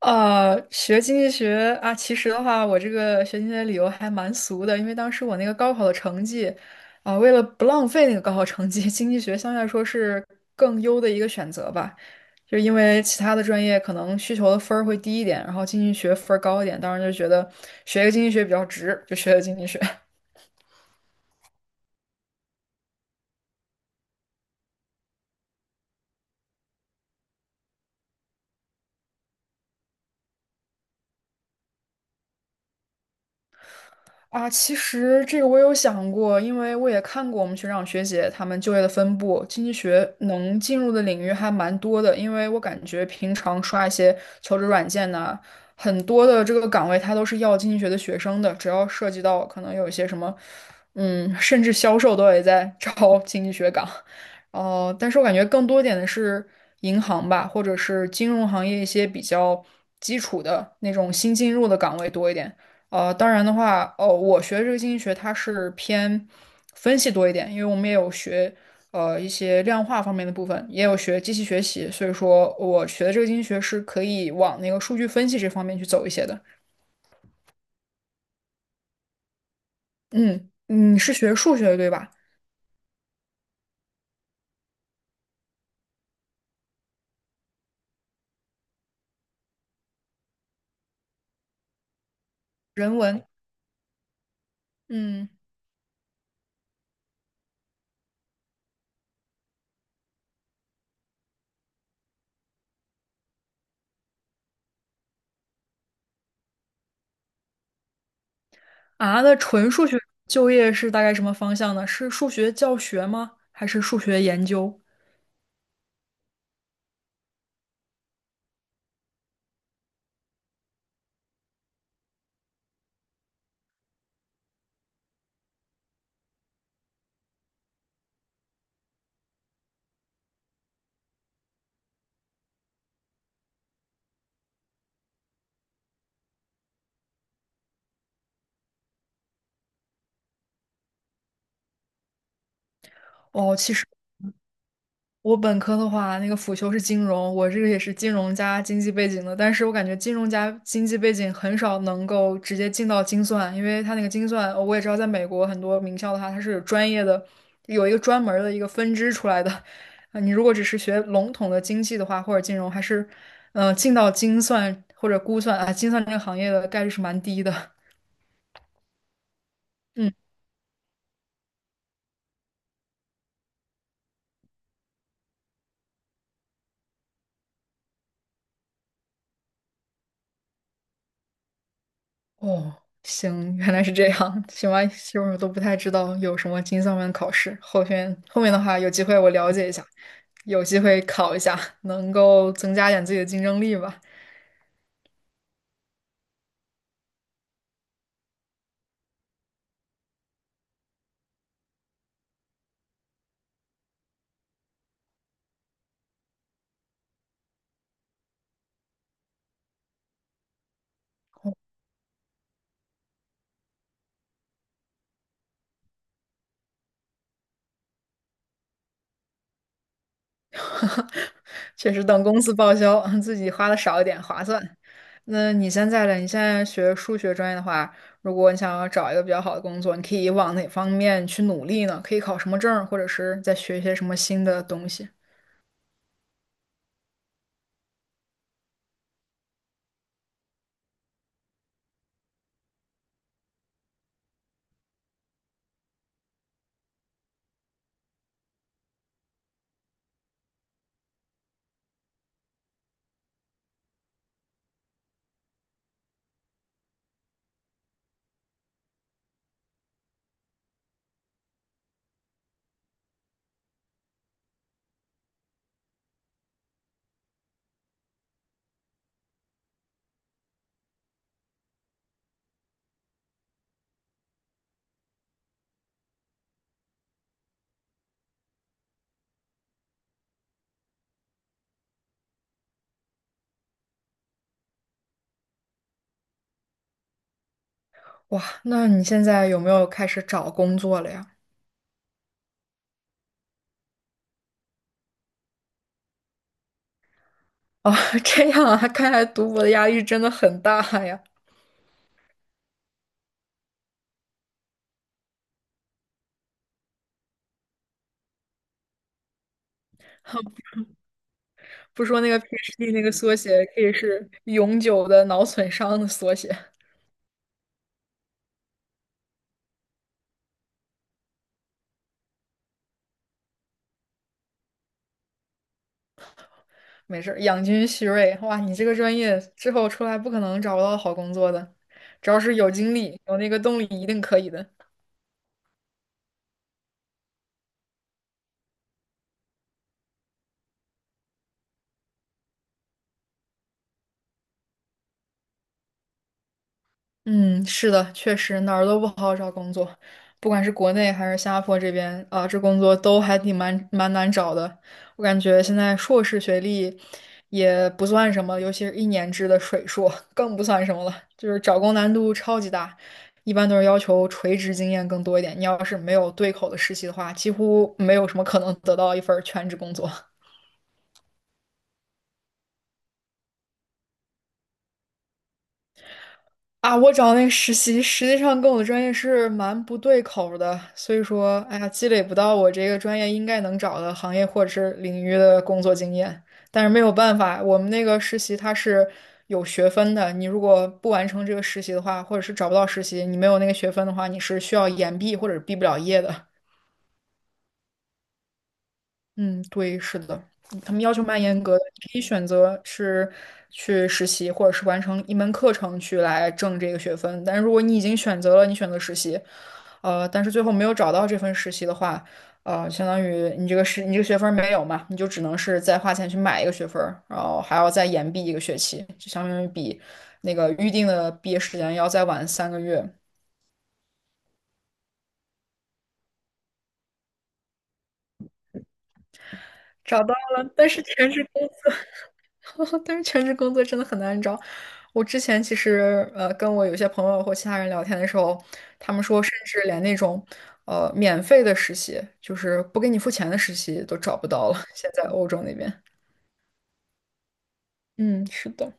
学经济学啊，其实的话，我这个学经济学的理由还蛮俗的，因为当时我那个高考的成绩，为了不浪费那个高考成绩，经济学相对来说是更优的一个选择吧，就是因为其他的专业可能需求的分儿会低一点，然后经济学分儿高一点，当时就觉得学一个经济学比较值，就学了经济学。啊，其实这个我有想过，因为我也看过我们学长学姐他们就业的分布，经济学能进入的领域还蛮多的。因为我感觉平常刷一些求职软件呐、很多的这个岗位它都是要经济学的学生的，只要涉及到可能有一些什么，甚至销售都也在招经济学岗。哦，但是我感觉更多点的是银行吧，或者是金融行业一些比较基础的那种新进入的岗位多一点。当然的话，哦，我学这个经济学，它是偏分析多一点，因为我们也有学一些量化方面的部分，也有学机器学习，所以说我学的这个经济学是可以往那个数据分析这方面去走一些的。嗯，你是学数学的对吧？人文，嗯，啊，那纯数学就业是大概什么方向呢？是数学教学吗？还是数学研究？哦，其实。我本科的话，那个辅修是金融，我这个也是金融加经济背景的，但是我感觉金融加经济背景很少能够直接进到精算，因为它那个精算，我也知道在美国很多名校的话，它是有专业的，有一个专门儿的一个分支出来的。啊，你如果只是学笼统的经济的话，或者金融，还是，进到精算或者估算啊，精算这个行业的概率是蛮低的。嗯。哦，行，原来是这样。行吧，其实我都不太知道有什么精算班考试。后天后面的话，有机会我了解一下，有机会考一下，能够增加点自己的竞争力吧。确实，等公司报销，自己花的少一点划算。那你现在呢？你现在学数学专业的话，如果你想要找一个比较好的工作，你可以往哪方面去努力呢？可以考什么证儿或者是再学一些什么新的东西？哇，那你现在有没有开始找工作了呀？哦，这样啊，看来读博的压力真的很大呀。不说那个 PhD 那个缩写可以是永久的脑损伤的缩写，没事儿，养精蓄锐。哇，你这个专业之后出来不可能找不到好工作的，只要是有精力、有那个动力，一定可以的。嗯，是的，确实哪儿都不好找工作，不管是国内还是新加坡这边啊，这工作都还挺蛮难找的。我感觉现在硕士学历也不算什么，尤其是一年制的水硕更不算什么了，就是找工难度超级大。一般都是要求垂直经验更多一点，你要是没有对口的实习的话，几乎没有什么可能得到一份儿全职工作。啊，我找那个实习，实际上跟我的专业是蛮不对口儿的，所以说，哎呀，积累不到我这个专业应该能找的行业或者是领域的工作经验。但是没有办法，我们那个实习它是有学分的，你如果不完成这个实习的话，或者是找不到实习，你没有那个学分的话，你是需要延毕或者毕不了业的。嗯，对，是的，他们要求蛮严格的。你可以选择是去实习，或者是完成一门课程去来挣这个学分。但如果你已经选择了，你选择实习，但是最后没有找到这份实习的话，相当于你这个学分儿没有嘛，你就只能是再花钱去买一个学分儿然后还要再延毕一个学期，那个预定的毕业时间要再晚3个月。找到了，但是全职工作，但是全职工作真的很难找。我之前其实跟我有些朋友或其他人聊天的时候，他们说，甚至连那种免费的实习，就是不给你付钱的实习都找不到了。现在欧洲那边，嗯，是的。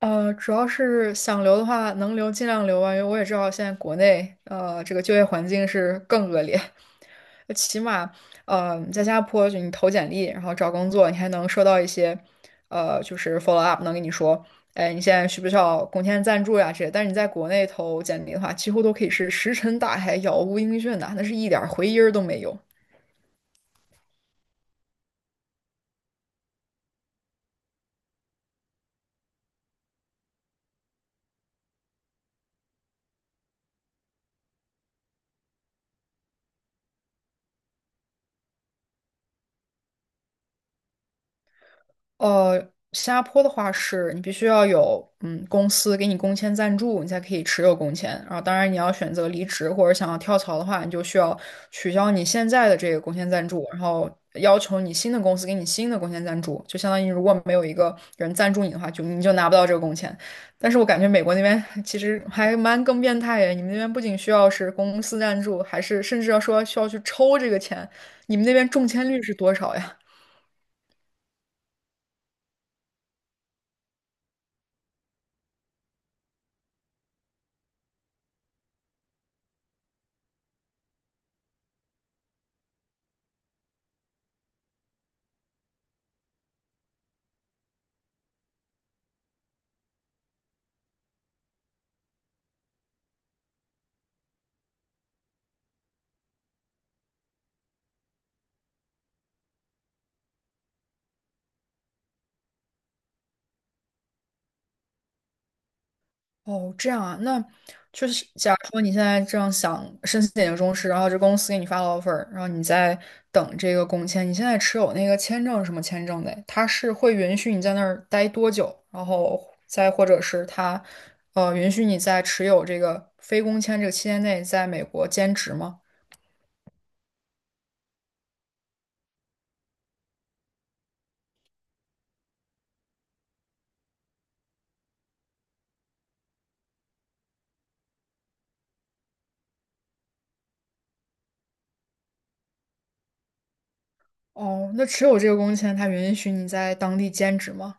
主要是想留的话，能留尽量留吧，因为我也知道现在国内这个就业环境是更恶劣，起码在新加坡就你投简历，然后找工作，你还能收到一些就是 follow up,能跟你说，哎，你现在需不需要工签赞助呀这些，但是你在国内投简历的话，几乎都可以是石沉大海、杳无音讯的，那是一点儿回音儿都没有。呃，新加坡的话是你必须要有公司给你工签赞助，你才可以持有工签。然后，当然你要选择离职或者想要跳槽的话，你就需要取消你现在的这个工签赞助，然后要求你新的公司给你新的工签赞助。就相当于如果没有一个人赞助你的话，你就拿不到这个工签。但是我感觉美国那边其实还蛮更变态的，你们那边不仅需要是公司赞助，还是甚至要说需要去抽这个钱。你们那边中签率是多少呀？哦，这样啊，那就是假如说你现在这样想申请研究中时，然后这公司给你发了 offer,然后你在等这个工签，你现在持有那个签证是什么签证的？他是会允许你在那儿待多久，然后再或者是他允许你在持有这个非工签这个期间内在美国兼职吗？哦，那持有这个工签，他允许你在当地兼职吗？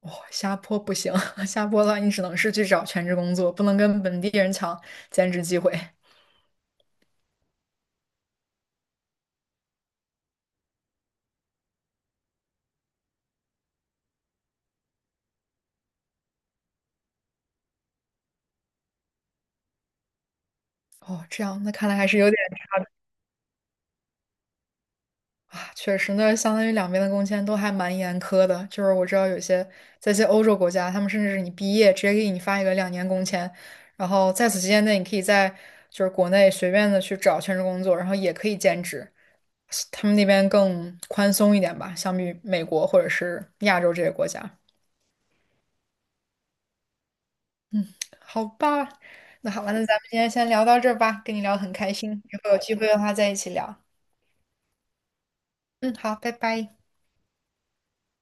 哦，下坡不行，下坡的话你只能是去找全职工作，不能跟本地人抢兼职机会。哦，这样，那看来还是有点差的啊。确实，那相当于两边的工签都还蛮严苛的。就是我知道有些在一些欧洲国家，他们甚至是你毕业直接给你发一个2年工签，然后在此期间内，你可以在就是国内随便的去找全职工作，然后也可以兼职。他们那边更宽松一点吧，相比美国或者是亚洲这些国家。好吧，好吧，那咱们今天先聊到这儿吧，跟你聊得很开心，以后有机会的话再一起聊。嗯，好，拜拜。